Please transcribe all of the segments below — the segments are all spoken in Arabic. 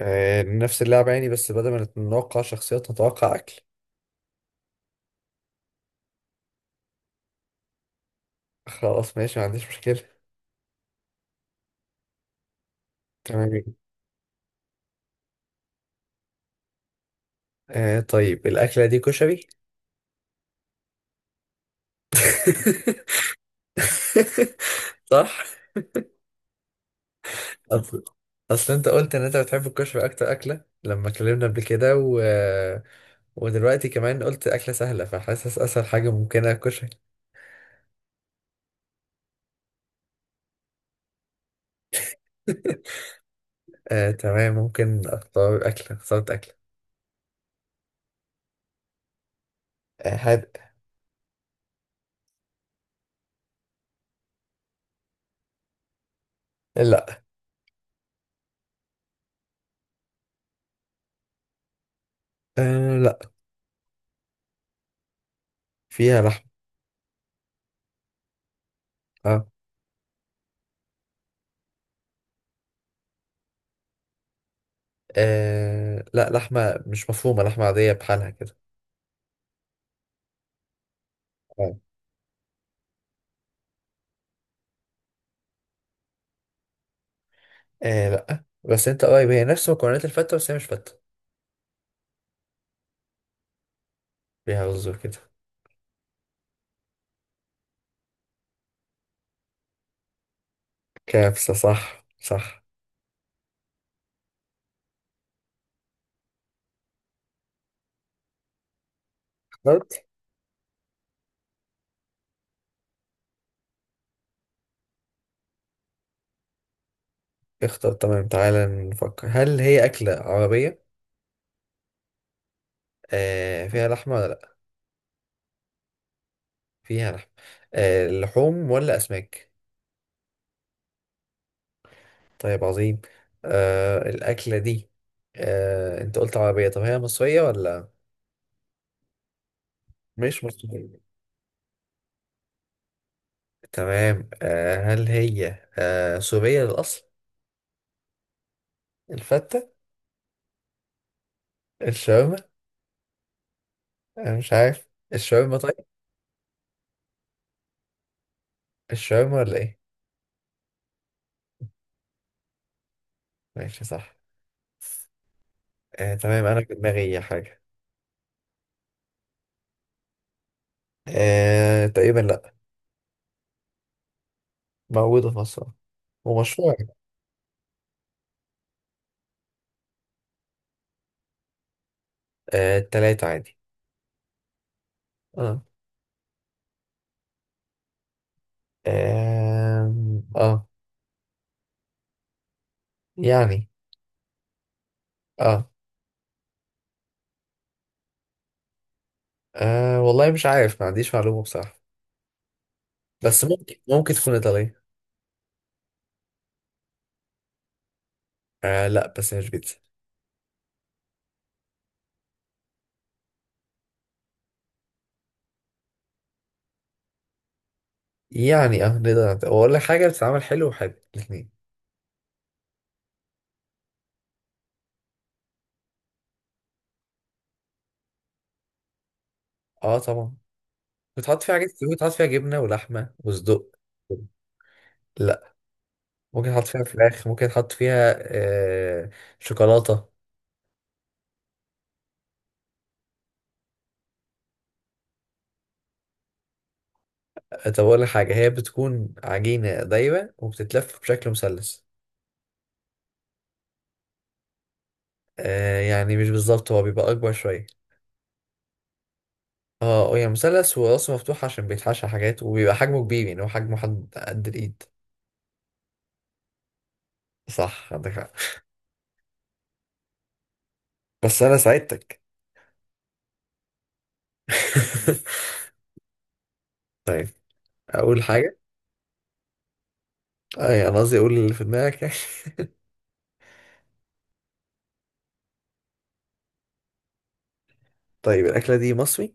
نفس اللعبة يعني، بس بدل ما نتوقع شخصيات نتوقع أكل. خلاص ماشي، ما عنديش مشكلة. تمام جدا. طيب، الأكلة دي كشري. صح. أصل أصل أنت قلت إن أنت بتحب الكشري أكتر أكلة لما اتكلمنا قبل كده ودلوقتي كمان قلت أكلة سهلة، فحاسس أسهل حاجة ممكنة كشري. تمام. ممكن أختار أكلة اخترت أكلة. هاد. لا. لا، فيها لحم. آه. لا، لحمة مش مفرومة، لحمة عادية بحالها كده. اه. لا بس انت قريب، هي نفس مكونات الفتة بس هي مش فتة. فيها رز وكده. كبسة، صح صح. اخترت اختار. تمام، تعالى نفكر، هل هي أكلة عربية؟ فيها لحمة ولا لأ؟ فيها لحمة. لحوم ولا أسماك؟ طيب، عظيم. آه الأكلة دي آه أنت قلت عربية، طب هي مصرية ولا؟ مش مصرية. تمام، هل هي... سورية للأصل؟ الفتة. الشاورما. انا مش عارف الشاورما، طيب. الشاورما ولا ايه؟ ماشي، صح. تمام، انا في دماغي حاجه. تقريبا لا. موجوده في مصر. ومشهوره. التلاتة عادي. اه. آه, آه. يعني. آه. اه والله مش عارف، ما عنديش معلومه بصراحه. بس ممكن تكون ايطاليه. لا بس مش بيتزا. يعني اه نقدر واقول لك حاجه بتتعمل حلو وحلو الاثنين. اه طبعا. بتحط فيها حاجات كتير، بتحط فيها جبنه ولحمه وصدق. لا. ممكن احط فيها فراخ، ممكن احط فيها شوكولاته. طب اقول لك حاجه، هي بتكون عجينه دايبه وبتتلف بشكل مثلث. يعني مش بالظبط، هو بيبقى اكبر شويه. اه، هي مثلث وراسه مفتوح عشان بيتحشى حاجات وبيبقى حجمه كبير، يعني هو حجمه حد قد الايد. صح، عندك حق. بس انا ساعدتك. طيب، اقول حاجه. يعني قصدي اقول اللي في دماغك يعني. طيب، الاكله دي مصري؟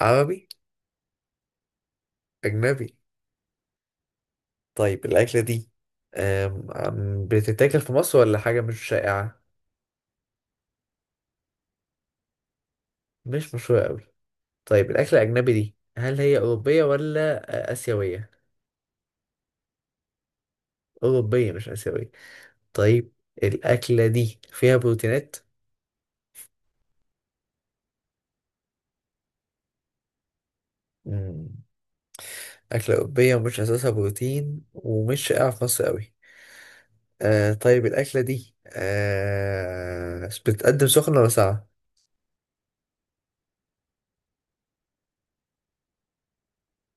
عربي؟ اجنبي؟ طيب، الأكلة دي أم- أم بتتاكل في مصر ولا حاجة مش شائعة؟ مش مشهورة أوي. طيب، الأكلة الأجنبي دي هل هي أوروبية ولا آسيوية؟ أوروبية مش آسيوية. طيب، الأكلة دي فيها بروتينات؟ مم. أكلة أوروبية ومش أساسها بروتين ومش شائعة في مصر أوي. طيب، الأكلة دي بتتقدم سخنة ولا ساقعة؟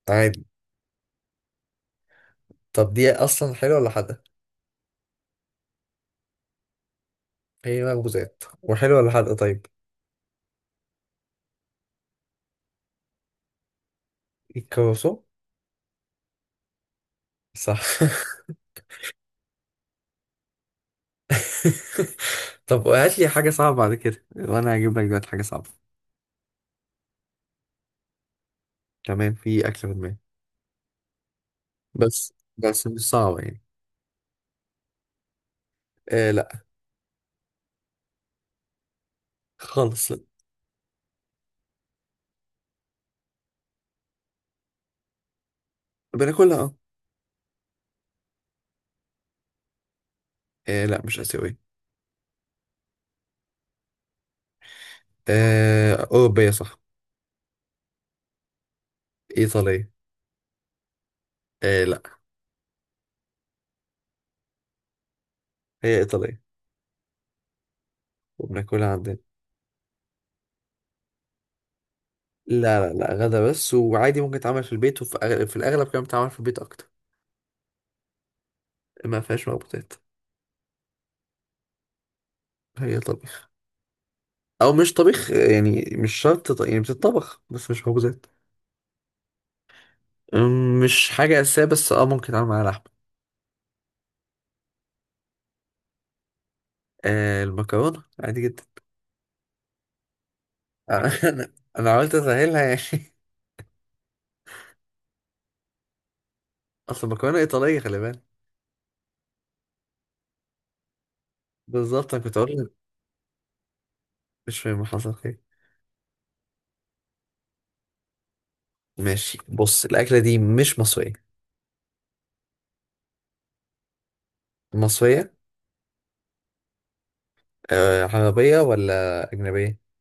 عادي. طب دي أصلا حلوة ولا حادقة؟ هي مخبوزات، وحلوة ولا حادقة طيب؟ الكروسون؟ صح. طب هات لي حاجة صعبة بعد كده، وانا هجيب لك دلوقتي حاجة صعبة. تمام، في اكل في دماغي. بس مش صعبة يعني. لا. خالص لا. بناكلها اه. لا مش آسيوية. أوروبية صح. إيطالية. لا. هي إيطالية. وبناكلها عندنا. لا لا لا، غدا بس، وعادي ممكن تتعمل في البيت، وفي أغلب، في الأغلب كمان بتتعمل في البيت أكتر. ما فيهاش مخبوزات. هي طبيخ. أو مش طبيخ، يعني مش شرط يعني بتطبخ بس مش مخبوزات. مش حاجة أساسية بس ممكن تتعمل معاها لحمة. المكرونة عادي جدا. آه، أنا أنا عملت أسهلها يعني. أصل المكرونة إيطالية، خلي بالك. بالظبط أنا كنت أقول. مش فاهم، حصل خير. ماشي، بص الأكلة دي مش مصرية. مصرية؟ عربية ولا أجنبية؟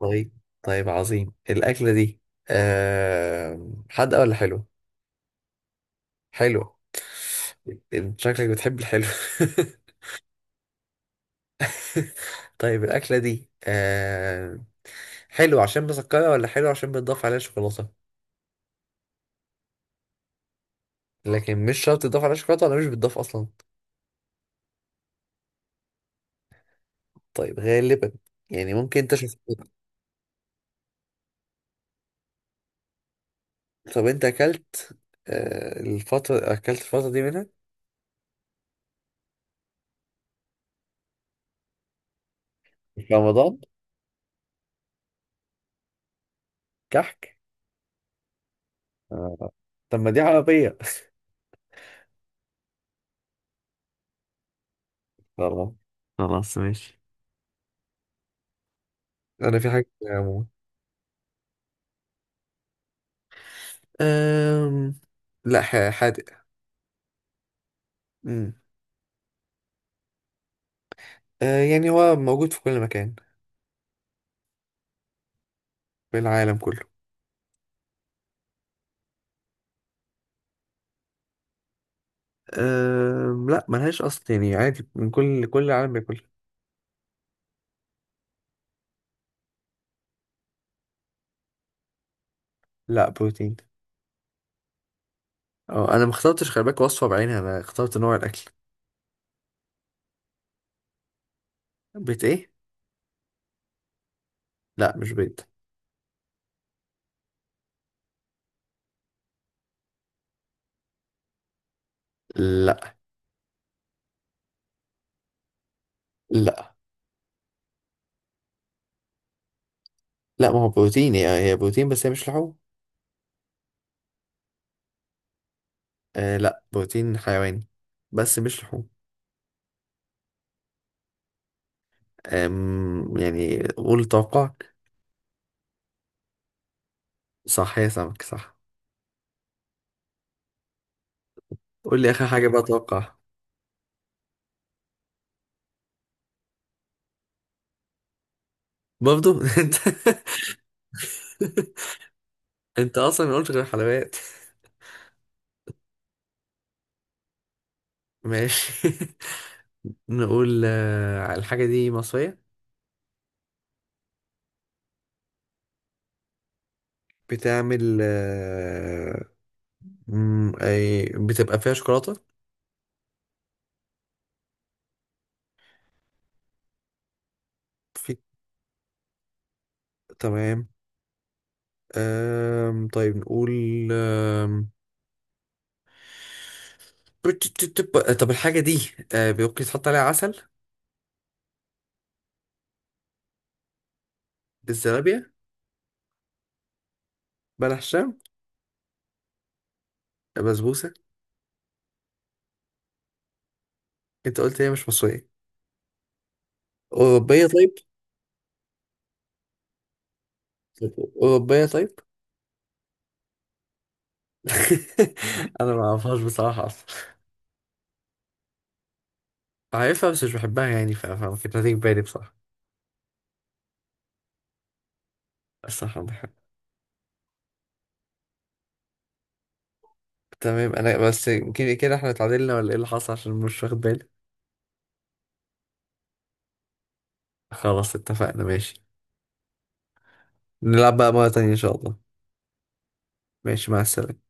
طيب. طيب عظيم، الأكلة دي حادقة ولا حلوة؟ حلوة. أنت شكلك بتحب الحلو. طيب، الأكلة دي حلوة عشان مسكرة ولا حلوة عشان بتضاف عليها شوكولاتة؟ لكن مش شرط تضاف على شوكولاته ولا مش بتضاف اصلا. طيب، غالبا. يعني ممكن انت شفت. طب انت اكلت، الفتره اكلت، الفتره دي منها؟ في رمضان؟ كحك؟ آه. طب ما دي عربية. خلاص. خلاص ماشي. انا في حاجه يا عمو. أم... لا، حادق. أمم. أه، يعني هو موجود في كل مكان. في العالم كله. لا، ملهاش اصل يعني، عادي من كل العالم بياكلها. لا، بروتين. اه، انا ما اخترتش خلي بالك وصفه بعينها، انا اخترت نوع الاكل. بيت ايه؟ لا مش بيض. لا لا لا، ما هو بروتين، هي بروتين بس هي مش لحوم. لا، بروتين حيواني. بس مش لحوم. يعني قول توقعك. صح، هي سمك صح. قول لي اخر حاجه بقى توقع. برضو. انت. انت اصلا ما قلتش غير حلويات. ماشي. نقول الحاجه دي مصريه. بتعمل آه، أي بتبقى فيها شوكولاته. في تمام. طيب نقول. أم طب الحاجة دي ممكن تحط عليها عسل؟ الزلابية؟ بلح الشام؟ بسبوسة؟ انت قلت هي مش مصرية. أوروبية طيب. طب أوروبية طيب. أنا ما أعرفهاش بصراحة أصلا. عارفها بس مش بحبها يعني، فما كانت هتيجي في بالي بصراحة. الصراحة ما بحبها. تمام، أنا بس يمكن كده احنا اتعادلنا، ولا ايه اللي حصل عشان مش واخد بالي؟ خلاص اتفقنا ماشي. نلعب بقى مرة تانية إن شاء الله. ماشي، مع السلامة.